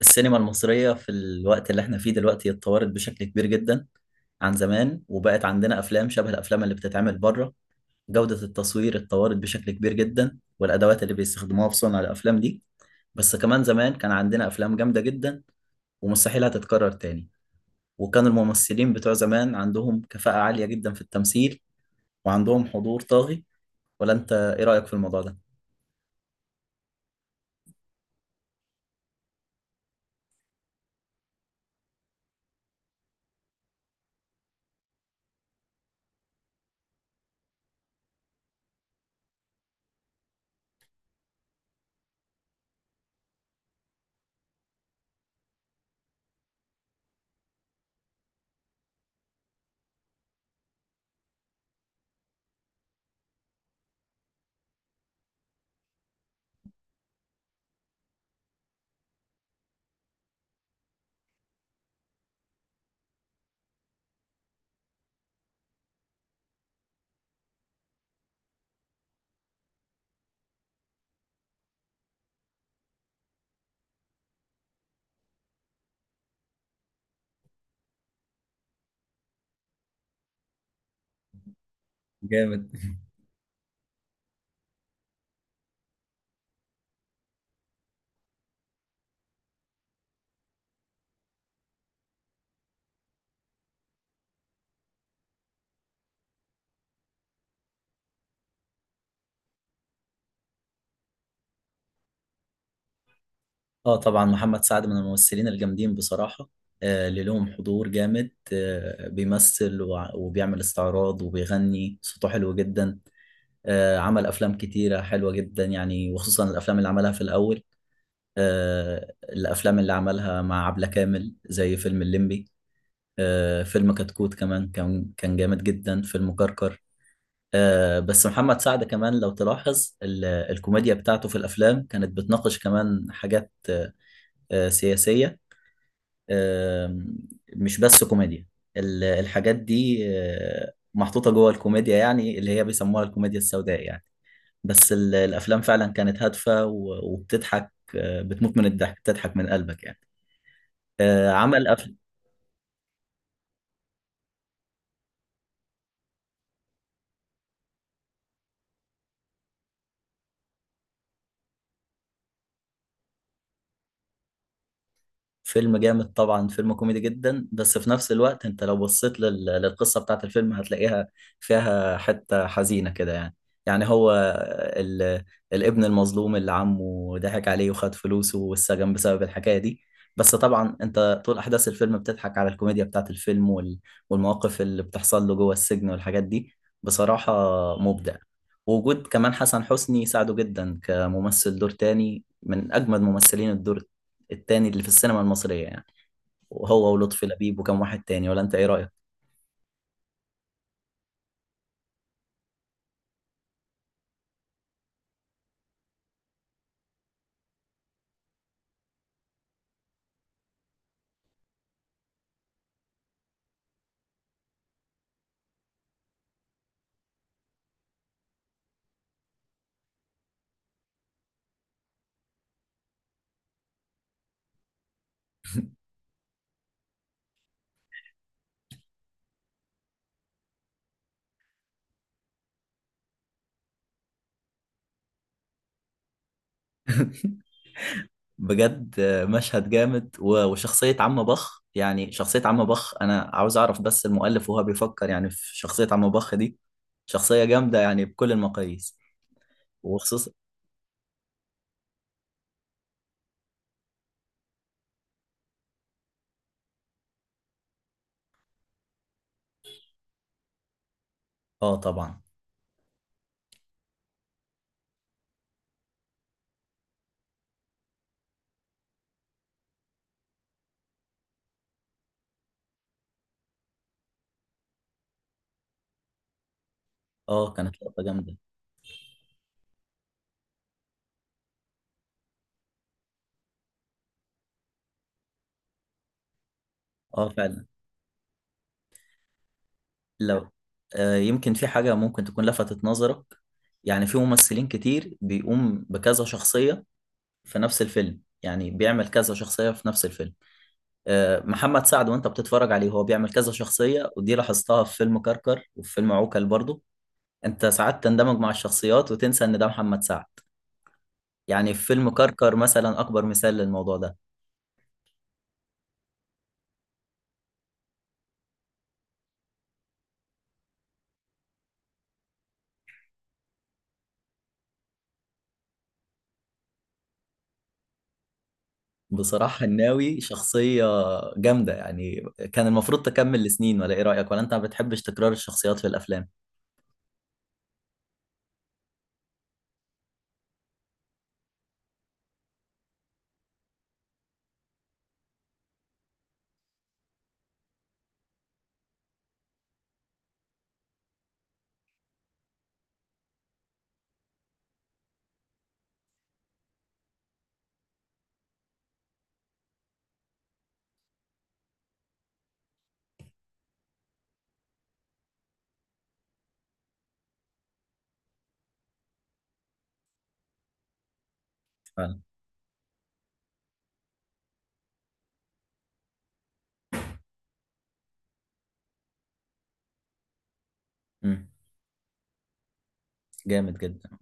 السينما المصرية في الوقت اللي احنا فيه دلوقتي اتطورت بشكل كبير جدا عن زمان، وبقت عندنا أفلام شبه الأفلام اللي بتتعمل بره. جودة التصوير اتطورت بشكل كبير جدا، والأدوات اللي بيستخدموها في صنع الأفلام دي. بس كمان زمان كان عندنا أفلام جامدة جدا، ومستحيل هتتكرر تاني. وكان الممثلين بتوع زمان عندهم كفاءة عالية جدا في التمثيل، وعندهم حضور طاغي. ولا أنت إيه رأيك في الموضوع ده؟ جامد. اه طبعا محمد سعد من الممثلين الجامدين بصراحة. اللي لهم حضور جامد، بيمثل وبيعمل استعراض وبيغني، صوته حلو جدا. عمل أفلام كتيرة حلوة جدا يعني، وخصوصا الأفلام اللي عملها في الأول. الأفلام اللي عملها مع عبلة كامل زي فيلم الليمبي. فيلم كتكوت كمان كان جامد جدا، فيلم كركر. بس محمد سعد كمان لو تلاحظ الكوميديا بتاعته في الأفلام كانت بتناقش كمان حاجات سياسية، آم، مش بس كوميديا. الحاجات دي محطوطة جوه الكوميديا، يعني اللي هي بيسموها الكوميديا السوداء يعني. بس الأفلام فعلا كانت هادفة وبتضحك، بتموت من الضحك، بتضحك من قلبك يعني. آه، عمل أف... فيلم جامد طبعا، فيلم كوميدي جدا، بس في نفس الوقت انت لو بصيت للقصة بتاعت الفيلم هتلاقيها فيها حتة حزينة كده يعني. يعني هو ال... الابن المظلوم اللي عمه ضحك عليه وخد فلوسه، والسجن بسبب الحكاية دي. بس طبعا انت طول احداث الفيلم بتضحك على الكوميديا بتاعت الفيلم والمواقف اللي بتحصل له جوه السجن والحاجات دي. بصراحة مبدع. ووجود كمان حسن حسني ساعده جدا كممثل دور تاني، من اجمد ممثلين الدور التاني اللي في السينما المصرية يعني. وهو ولطفي لبيب وكم واحد تاني. ولا انت ايه رأيك؟ بجد مشهد جامد وشخصية عم بخ. يعني شخصية عم بخ انا عاوز اعرف بس المؤلف وهو بيفكر يعني في شخصية عم بخ دي. شخصية جامدة يعني بكل المقاييس، وخصوصا. اه طبعا. اه كانت لقطة جامدة. اه فعلا. لو يمكن في حاجة ممكن تكون لفتت نظرك. يعني في ممثلين كتير بيقوم بكذا شخصية في نفس الفيلم، يعني بيعمل كذا شخصية في نفس الفيلم. محمد سعد وانت بتتفرج عليه هو بيعمل كذا شخصية، ودي لاحظتها في فيلم كركر وفي فيلم عوكل برضو. انت ساعات تندمج مع الشخصيات وتنسى ان ده محمد سعد. يعني في فيلم كركر مثلا اكبر مثال للموضوع ده. بصراحة الناوي شخصية جامدة يعني. كان المفروض تكمل لسنين، ولا ايه رأيك؟ ولا انت ما بتحبش تكرار الشخصيات في الافلام؟ فعلا. امم جامد جدا.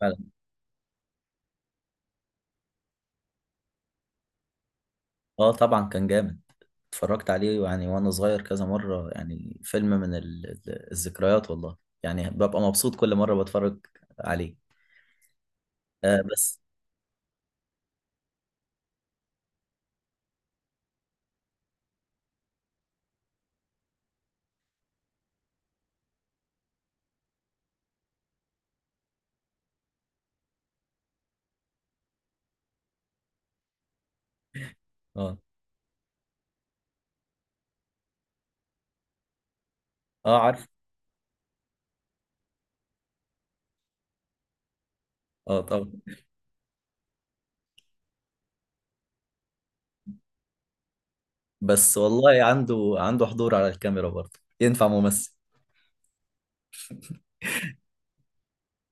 فعلا. اه طبعا كان جامد. اتفرجت عليه يعني وانا صغير كذا مرة، يعني فيلم من الذكريات والله. يعني ببقى مبسوط كل مرة بتفرج عليه. آه بس. اه. اه عارف. اه طبعا. بس والله عنده حضور على الكاميرا، برضه ينفع ممثل.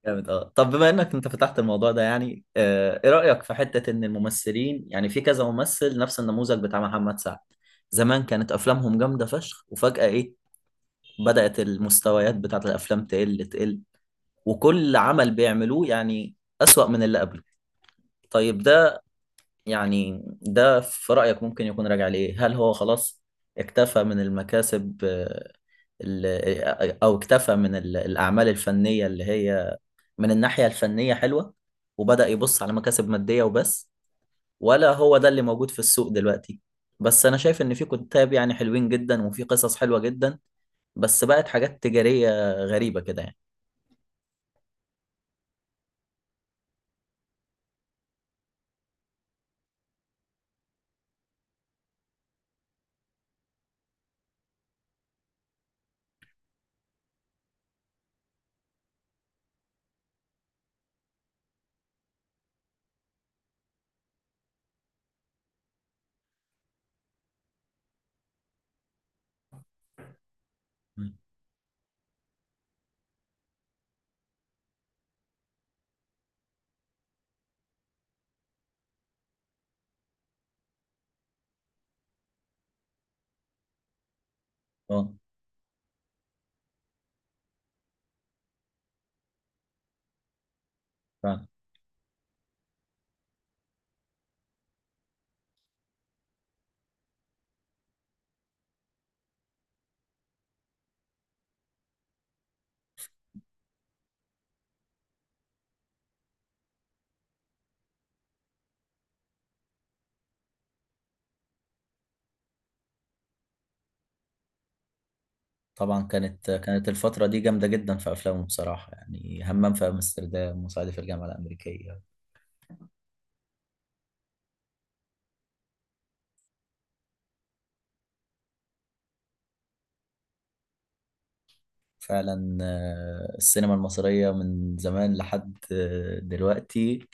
جامد. اه طب بما انك انت فتحت الموضوع ده، يعني آه ايه رأيك في حتة ان الممثلين، يعني في كذا ممثل نفس النموذج بتاع محمد سعد، زمان كانت افلامهم جامدة فشخ، وفجأة ايه بدأت المستويات بتاعت الافلام تقل، وكل عمل بيعملوه يعني أسوأ من اللي قبله. طيب ده يعني ده في رأيك ممكن يكون راجع لإيه؟ هل هو خلاص اكتفى من المكاسب، ال- أو اكتفى من الأعمال الفنية اللي هي من الناحية الفنية حلوة، وبدأ يبص على مكاسب مادية وبس؟ ولا هو ده اللي موجود في السوق دلوقتي؟ بس أنا شايف إن في كتاب يعني حلوين جدا، وفي قصص حلوة جدا، بس بقت حاجات تجارية غريبة كده يعني. اه فعلا. طبعا كانت الفترة دي جامدة جدا في أفلامه بصراحة، يعني همام في أمستردام، وصعيدي في الجامعة الأمريكية. فعلا، السينما المصرية من زمان لحد دلوقتي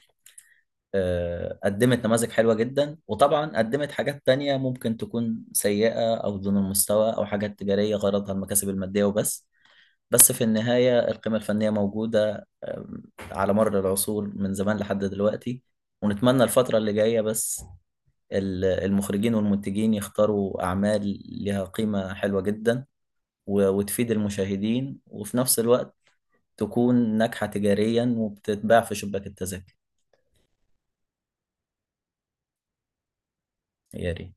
قدمت نماذج حلوة جدا، وطبعا قدمت حاجات تانية ممكن تكون سيئة أو دون المستوى أو حاجات تجارية غرضها المكاسب المادية وبس. بس في النهاية القيمة الفنية موجودة، على مر العصور من زمان لحد دلوقتي. ونتمنى الفترة اللي جاية بس المخرجين والمنتجين يختاروا أعمال لها قيمة حلوة جدا، وتفيد المشاهدين، وفي نفس الوقت تكون ناجحة تجاريا وبتتباع في شباك التذاكر. يا ريت.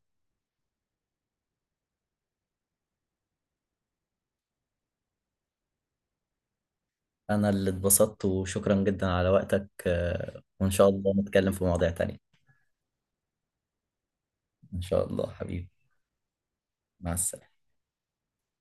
أنا اللي اتبسطت، وشكرا جدا على وقتك، وإن شاء الله نتكلم في مواضيع تانية. إن شاء الله حبيبي. مع السلامة.